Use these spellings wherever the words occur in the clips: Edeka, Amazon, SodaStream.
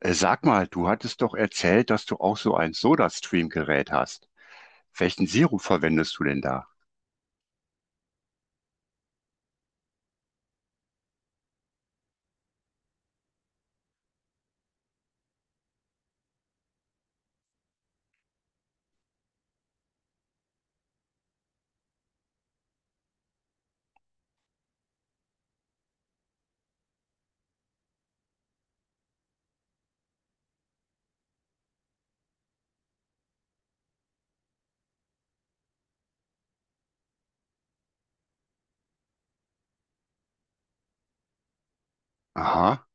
Sag mal, du hattest doch erzählt, dass du auch so ein Soda-Stream-Gerät hast. Welchen Sirup verwendest du denn da? Aha,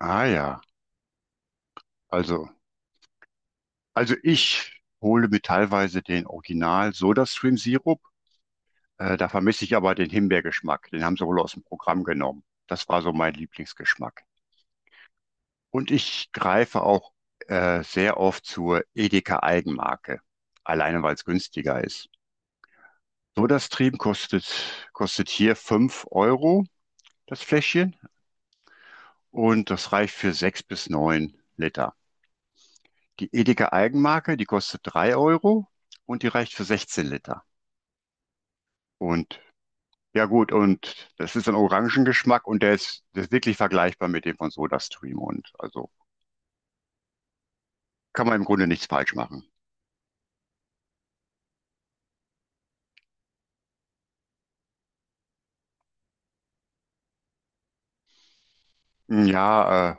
ah ja. Also, also ich hole mir teilweise den Original Soda-Stream-Sirup. Da vermisse ich aber den Himbeergeschmack. Den haben sie wohl aus dem Programm genommen. Das war so mein Lieblingsgeschmack. Und ich greife auch sehr oft zur Edeka Eigenmarke, alleine weil es günstiger ist. SodaStream kostet hier 5 € das Fläschchen und das reicht für 6 bis 9 Liter. Die Edeka Eigenmarke, die kostet 3 € und die reicht für 16 Liter. Und ja gut, und das ist ein Orangengeschmack und der ist wirklich vergleichbar mit dem von SodaStream und also kann man im Grunde nichts falsch machen. Ja, äh,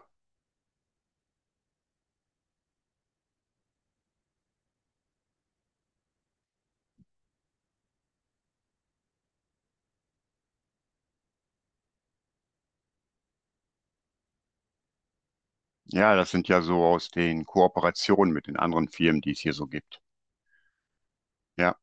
Ja, das sind ja so aus den Kooperationen mit den anderen Firmen, die es hier so gibt. Ja,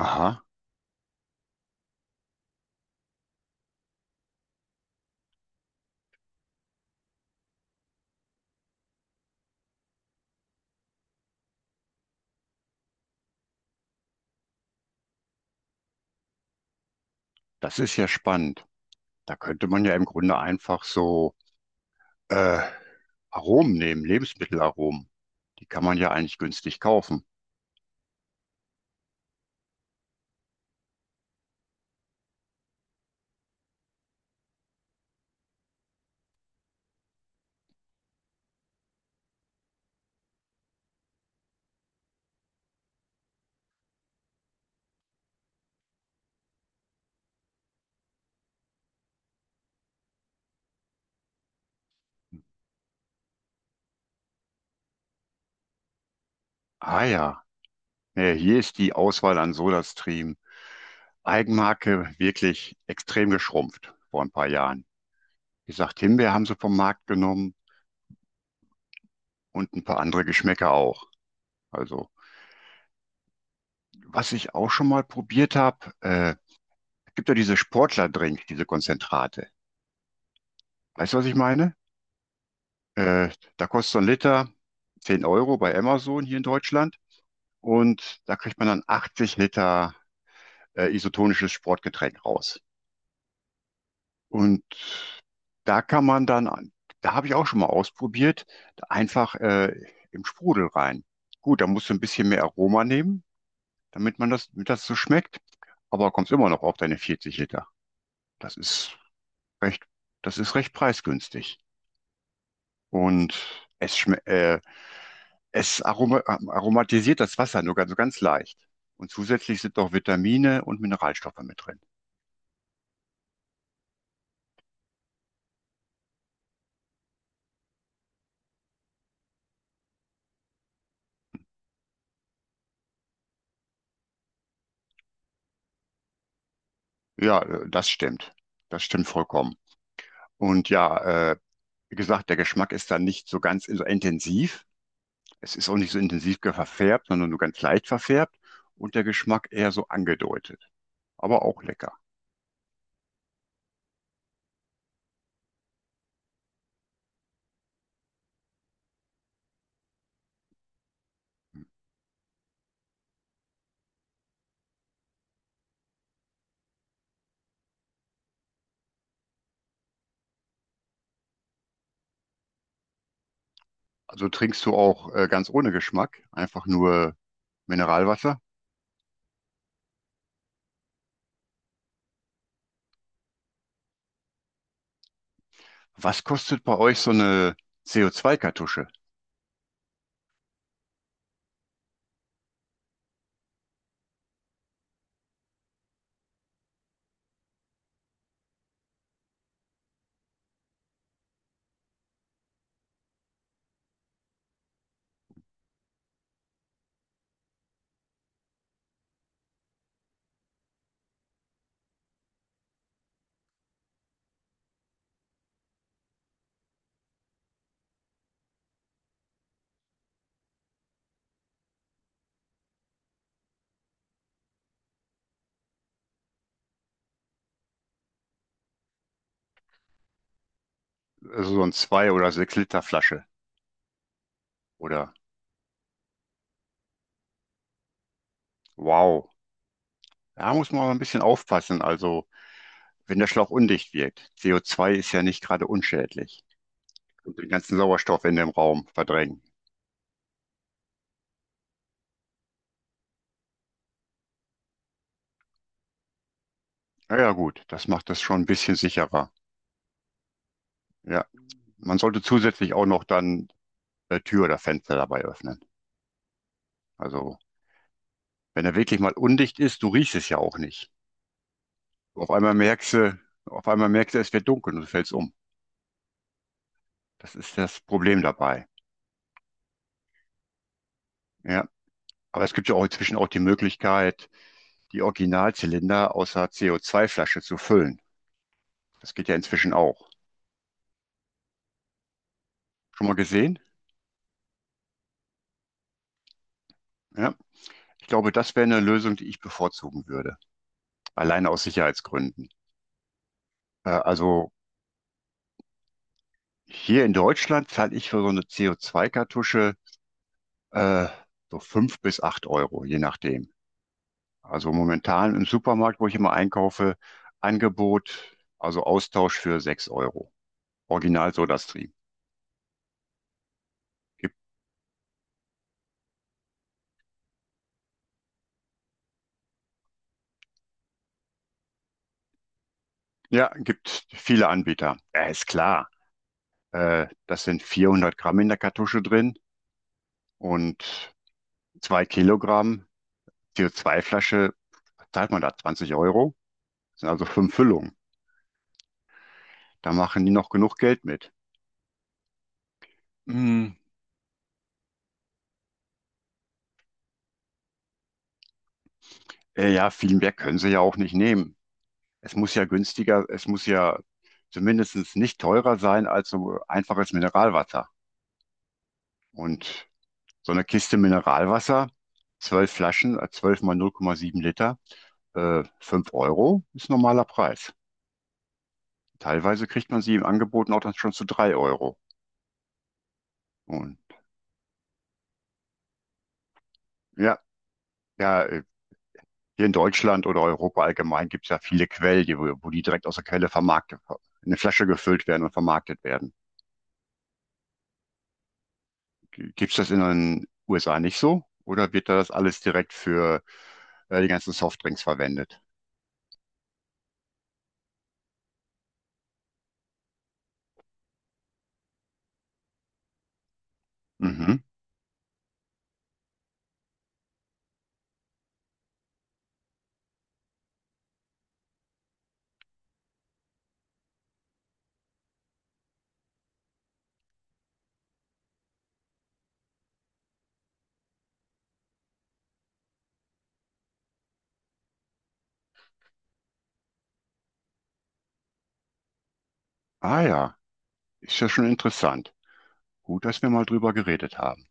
aha, das ist ja spannend. Da könnte man ja im Grunde einfach so äh, Aromen nehmen, Lebensmittelaromen. Die kann man ja eigentlich günstig kaufen. Ah ja, nee, hier ist die Auswahl an SodaStream. Eigenmarke wirklich extrem geschrumpft vor ein paar Jahren. Wie gesagt, Himbeer haben sie vom Markt genommen und ein paar andere Geschmäcker auch. Also, was ich auch schon mal probiert habe, gibt ja diese Sportler-Drink, diese Konzentrate. Weißt du, was ich meine? Äh, da kostet so ein Liter 10 € bei Amazon hier in Deutschland und da kriegt man dann 80 Liter isotonisches Sportgetränk raus. Und da kann man dann, da habe ich auch schon mal ausprobiert, einfach im Sprudel rein. Gut, da musst du ein bisschen mehr Aroma nehmen, damit das so schmeckt, aber kommst immer noch auf deine 40 Liter. Das ist recht, das ist recht preisgünstig. Und es aromatisiert das Wasser nur ganz, so ganz leicht. Und zusätzlich sind noch Vitamine und Mineralstoffe mit drin. Ja, Das stimmt. Das stimmt vollkommen. Und ja, äh, Wie gesagt, der Geschmack ist dann nicht so ganz so intensiv. Es ist auch nicht so intensiv verfärbt, sondern nur ganz leicht verfärbt. Und der Geschmack eher so angedeutet. Aber auch lecker. Also trinkst du auch ganz ohne Geschmack, einfach nur Mineralwasser. Was kostet bei euch so eine CO2-Kartusche? Also so ein 2 oder 6 Liter Flasche. Oder wow. Da muss man aber ein bisschen aufpassen. Also, wenn der Schlauch undicht wirkt. CO2 ist ja nicht gerade unschädlich. Und den ganzen Sauerstoff in dem Raum verdrängen. Naja, gut, das macht das schon ein bisschen sicherer. Ja, man sollte zusätzlich auch noch dann Tür oder Fenster dabei öffnen. Also, wenn er wirklich mal undicht ist, du riechst es ja auch nicht. Auf einmal merkst du, auf einmal merkst du, es wird dunkel und du fällst um. Das ist das Problem dabei. Ja, aber es gibt ja auch inzwischen auch die Möglichkeit, die Originalzylinder aus einer CO2-Flasche zu füllen. Das geht ja inzwischen auch. Schon mal gesehen? Ja. Ich glaube, das wäre eine Lösung, die ich bevorzugen würde. Allein aus Sicherheitsgründen. Also hier in Deutschland zahle ich für so eine CO2-Kartusche äh, so fünf bis acht Euro, je nachdem. Also momentan im Supermarkt, wo ich immer einkaufe, Angebot, also Austausch für sechs Euro. Original SodaStream. Gibt, ja, gibt viele Anbieter. Ja, ist klar. Das sind 400 Gramm in der Kartusche drin und 2 kg CO2-Flasche zahlt man da 20 Euro. Das sind also 5 Füllungen. Da machen die noch genug Geld mit. Hm, ja, viel mehr können sie ja auch nicht nehmen. Es muss ja zumindest nicht teurer sein als so einfaches Mineralwasser. Und so eine Kiste Mineralwasser, 12 Flaschen, 12 mal 0,7 Liter, 5 € ist normaler Preis. Teilweise kriegt man sie im Angebot auch dann schon zu drei Euro. Und ja, ja, äh, Hier in Deutschland oder Europa allgemein gibt es ja viele Quellen, wo die direkt aus der Quelle vermarktet, in eine Flasche gefüllt werden und vermarktet werden. Gibt es das in den USA nicht so? Oder wird da das alles direkt für die ganzen Softdrinks verwendet? Mhm. Ah ja, ist ja schon interessant. Gut, dass wir mal drüber geredet haben.